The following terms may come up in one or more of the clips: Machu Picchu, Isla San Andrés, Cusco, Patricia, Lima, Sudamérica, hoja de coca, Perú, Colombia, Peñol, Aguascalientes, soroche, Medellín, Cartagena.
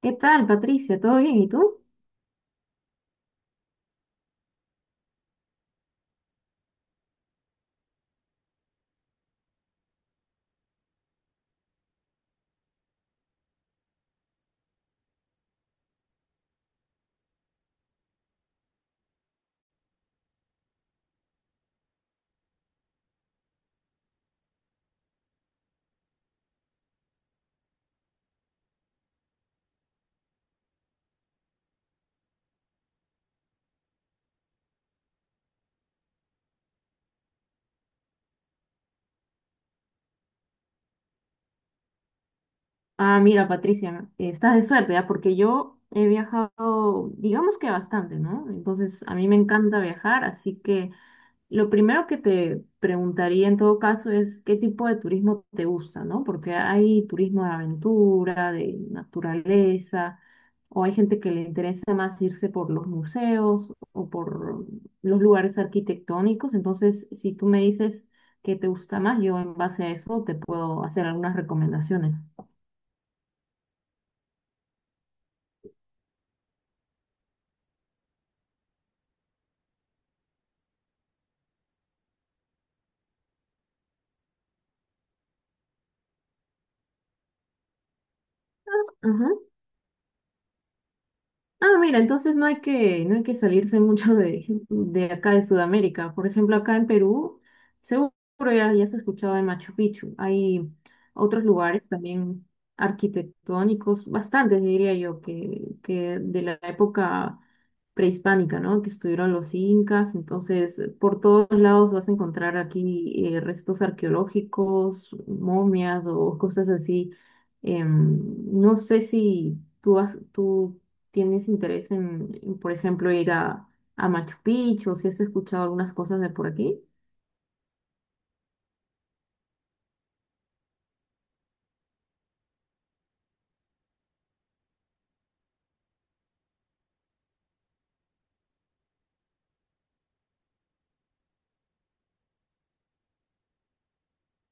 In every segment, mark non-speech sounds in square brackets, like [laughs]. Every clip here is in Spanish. ¿Qué tal, Patricia? ¿Todo bien? ¿Y tú? Ah, mira, Patricia, estás de suerte, ¿ah? Porque yo he viajado, digamos que bastante, ¿no? Entonces, a mí me encanta viajar, así que. Lo primero que te preguntaría en todo caso es qué tipo de turismo te gusta, ¿no? Porque hay turismo de aventura, de naturaleza, o hay gente que le interesa más irse por los museos o por los lugares arquitectónicos. Entonces, si tú me dices qué te gusta más, yo en base a eso te puedo hacer algunas recomendaciones. Ah, mira, entonces no hay que salirse mucho de acá de Sudamérica. Por ejemplo, acá en Perú, seguro ya has escuchado de Machu Picchu. Hay otros lugares también arquitectónicos, bastantes diría yo, que de la época prehispánica, ¿no? Que estuvieron los incas. Entonces, por todos lados vas a encontrar aquí restos arqueológicos, momias o [laughs] cosas así. Em, no sé si tú has, tú tienes interés en, por ejemplo, ir a Machu Picchu, si has escuchado algunas cosas de por aquí.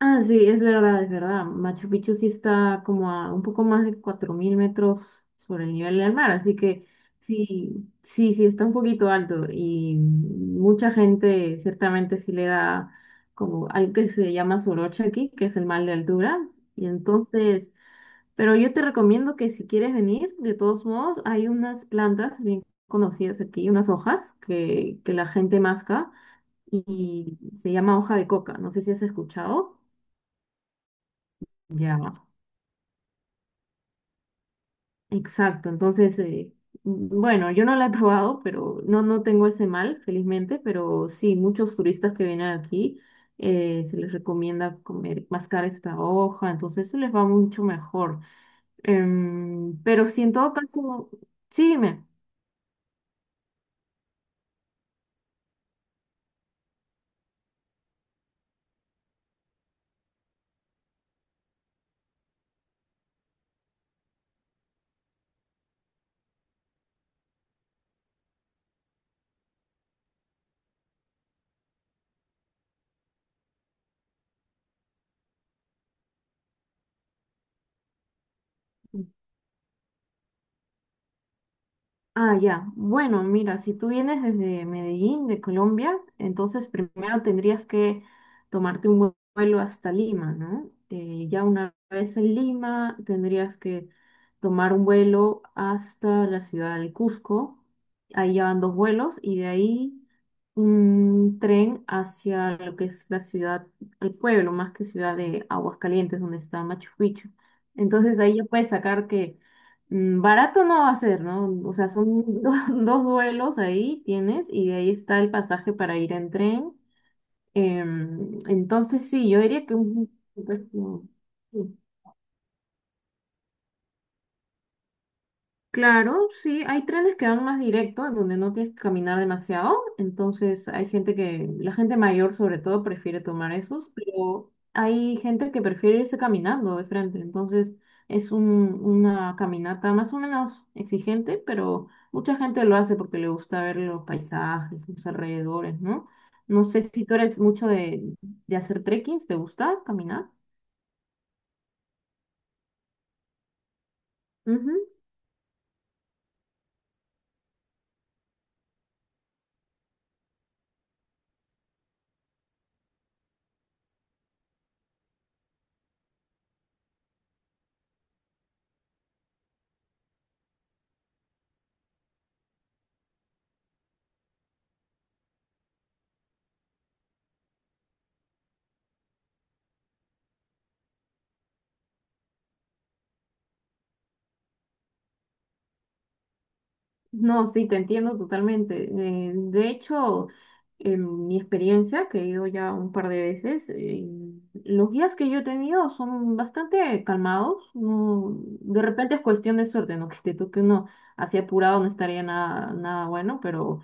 Ah, sí, es verdad, es verdad. Machu Picchu sí está como a un poco más de 4.000 metros sobre el nivel del mar, así que sí, sí, sí, está un poquito alto y mucha gente ciertamente sí le da como algo que se llama soroche aquí, que es el mal de altura, y entonces... Pero yo te recomiendo que si quieres venir, de todos modos, hay unas plantas bien conocidas aquí, unas hojas que la gente masca y se llama hoja de coca. No sé si has escuchado. Ya, exacto. Entonces, bueno, yo no la he [laughs] probado, pero no, no tengo ese mal, felizmente, pero sí, muchos turistas que vienen aquí se les recomienda comer, mascar esta hoja, entonces se les va mucho mejor. Pero si en todo caso, sígueme. Ah, ya. Bueno, mira, si tú vienes desde Medellín, de Colombia, entonces primero tendrías que tomarte un vuelo hasta Lima, ¿no? Ya una vez en Lima, tendrías que tomar un vuelo hasta la ciudad del Cusco. Ahí ya van dos vuelos y de ahí un tren hacia lo que es la ciudad, el pueblo, más que ciudad de Aguascalientes, donde está Machu Picchu. Entonces ahí ya puedes sacar que barato no va a ser, ¿no? O sea, son [laughs] dos vuelos ahí tienes y de ahí está el pasaje para ir en tren. Entonces sí, yo diría que un precio. Claro, sí, hay trenes que van más directo, en donde no tienes que caminar demasiado, entonces hay gente que, la gente mayor sobre todo prefiere tomar esos, pero hay gente que prefiere irse caminando de frente, entonces es una caminata más o menos exigente, pero mucha gente lo hace porque le gusta ver los paisajes, los alrededores, ¿no? No sé si tú eres mucho de hacer trekkings, ¿te gusta caminar? No, sí, te entiendo totalmente. De hecho, en mi experiencia, que he ido ya un par de veces, los guías que yo he tenido son bastante calmados. No, de repente es cuestión de suerte, ¿no? [laughs] Que te toque uno así apurado no estaría nada, nada bueno, pero.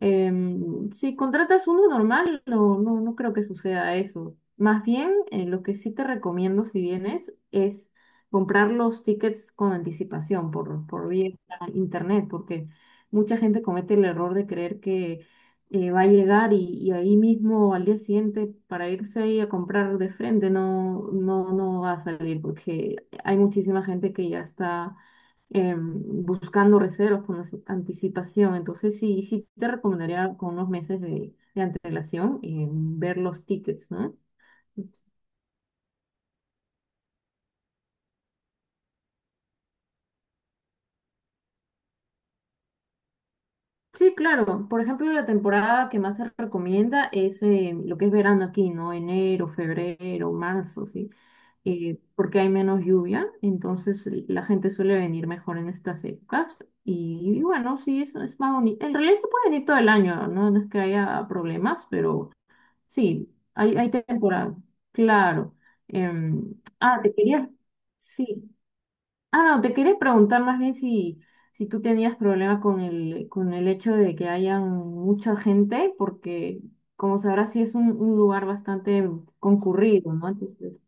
Si contratas uno normal, no, no, no creo que suceda eso. Más bien, lo que sí te recomiendo si vienes es comprar los tickets con anticipación por vía internet, porque mucha gente comete el error de creer que va a llegar y ahí mismo al día siguiente para irse ahí a comprar de frente no, no, no va a salir, porque hay muchísima gente que ya está buscando reservas con anticipación. Entonces, sí, sí te recomendaría con unos meses de antelación ver los tickets, ¿no? Sí, claro. Por ejemplo, la temporada que más se recomienda es lo que es verano aquí, ¿no? Enero, febrero, marzo, ¿sí? Porque hay menos lluvia, entonces la gente suele venir mejor en estas épocas. Y bueno, sí, eso es más bonito. En realidad se puede venir todo el año, ¿no? No es que haya problemas, pero. Sí, hay temporada, claro. Em, te quería, sí. Ah, no, te quería preguntar más bien si tú tenías problema con el hecho de que haya mucha gente, porque como sabrás, sí es un lugar bastante concurrido, ¿no? Entonces.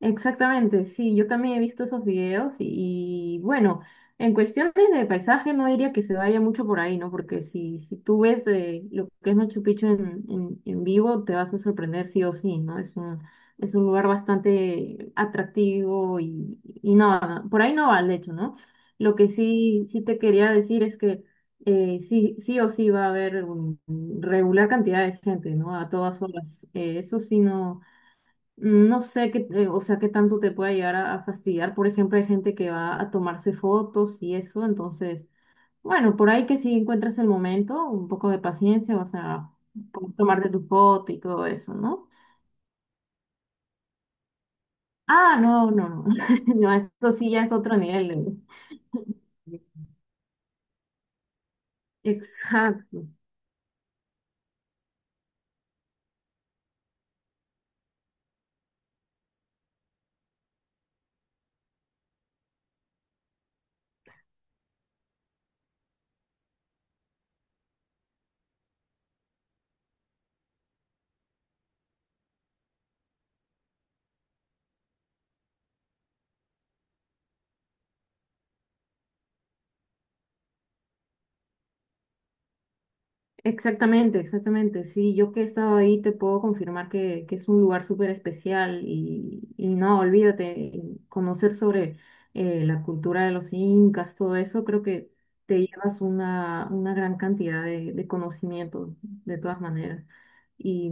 Exactamente, sí, yo también he visto esos videos y, bueno, en cuestiones de paisaje no diría que se vaya mucho por ahí, ¿no? Porque si tú ves lo que es Machu Picchu en vivo, te vas a sorprender sí o sí, ¿no? Es un lugar bastante atractivo y nada por ahí no va el hecho, ¿no? Lo que sí, sí te quería decir es que sí, sí o sí va a haber regular cantidad de gente, ¿no? A todas horas. Eso sí no. No sé qué, o sea, qué tanto te pueda llegar a fastidiar. Por ejemplo, hay gente que va a tomarse fotos y eso, entonces, bueno, por ahí que si encuentras el momento, un poco de paciencia, o sea, puedes tomarte tu foto y todo eso, ¿no? Ah, no, no, no, [laughs] no, eso sí ya es otro nivel. de- Exacto. Exactamente, exactamente. Sí, yo que he estado ahí te puedo confirmar que es un lugar súper especial y no, olvídate, y conocer sobre la cultura de los incas, todo eso, creo que te llevas una gran cantidad de conocimiento de todas maneras. Y,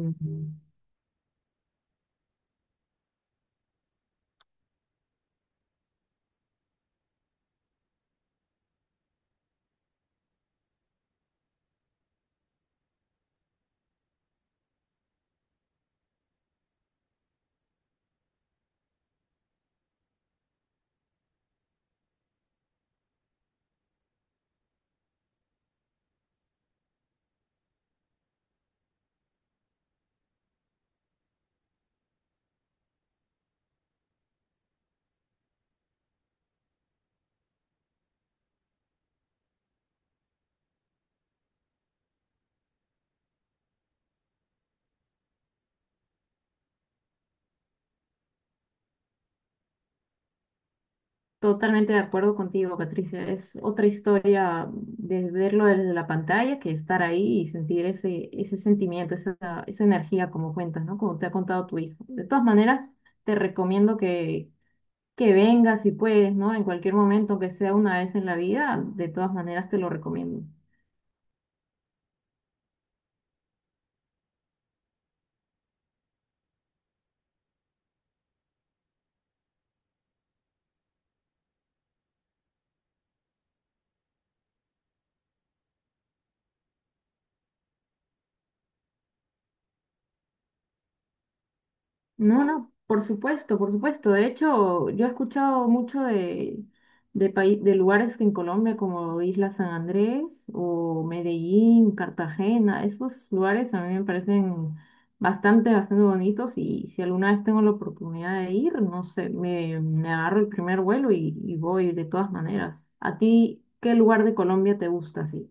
Totalmente de acuerdo contigo, Patricia. Es otra historia de verlo desde la pantalla que estar ahí y sentir ese sentimiento, esa energía como cuentas, ¿no? Como te ha contado tu hijo. De todas maneras, te recomiendo que vengas si puedes, ¿no? En cualquier momento, aunque sea una vez en la vida, de todas maneras te lo recomiendo. No, no, por supuesto, por supuesto. De hecho, yo he escuchado mucho de lugares que en Colombia como Isla San Andrés o Medellín, Cartagena. Esos lugares a mí me parecen bastante, bastante bonitos y si alguna vez tengo la oportunidad de ir, no sé, me agarro el primer vuelo y voy de todas maneras. ¿A ti qué lugar de Colombia te gusta, sí?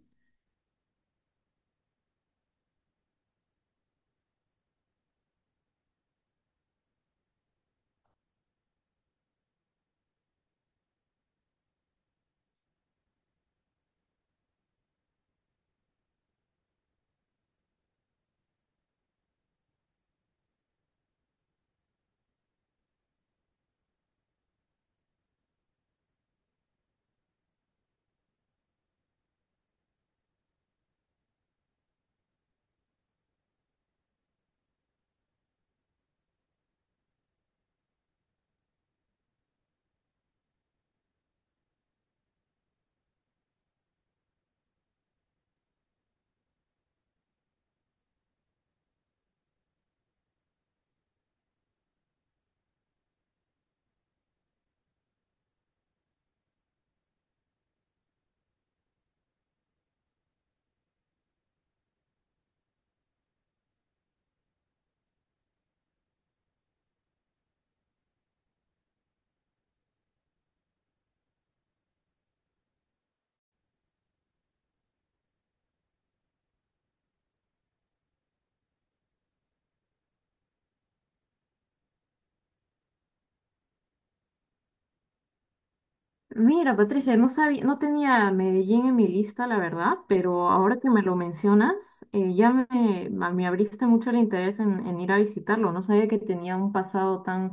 Mira, Patricia, no sabía, no tenía Medellín en mi lista, la verdad, pero ahora que me lo mencionas, ya me abriste mucho el interés en ir a visitarlo. No sabía que tenía un pasado tan,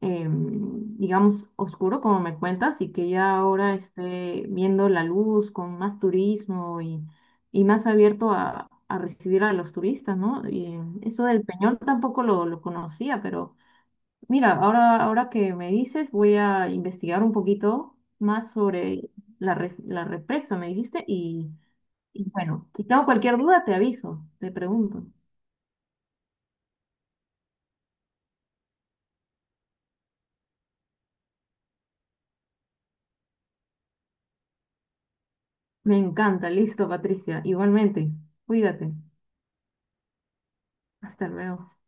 digamos, oscuro como me cuentas y que ya ahora esté viendo la luz con más turismo y más abierto a recibir a los turistas, ¿no? Eso del Peñol tampoco lo conocía, pero... Mira, ahora, ahora que me dices, voy a investigar un poquito más sobre la represa, me dijiste, y bueno, si tengo cualquier duda, te aviso, te pregunto. Me encanta, listo, Patricia, igualmente, cuídate, hasta luego.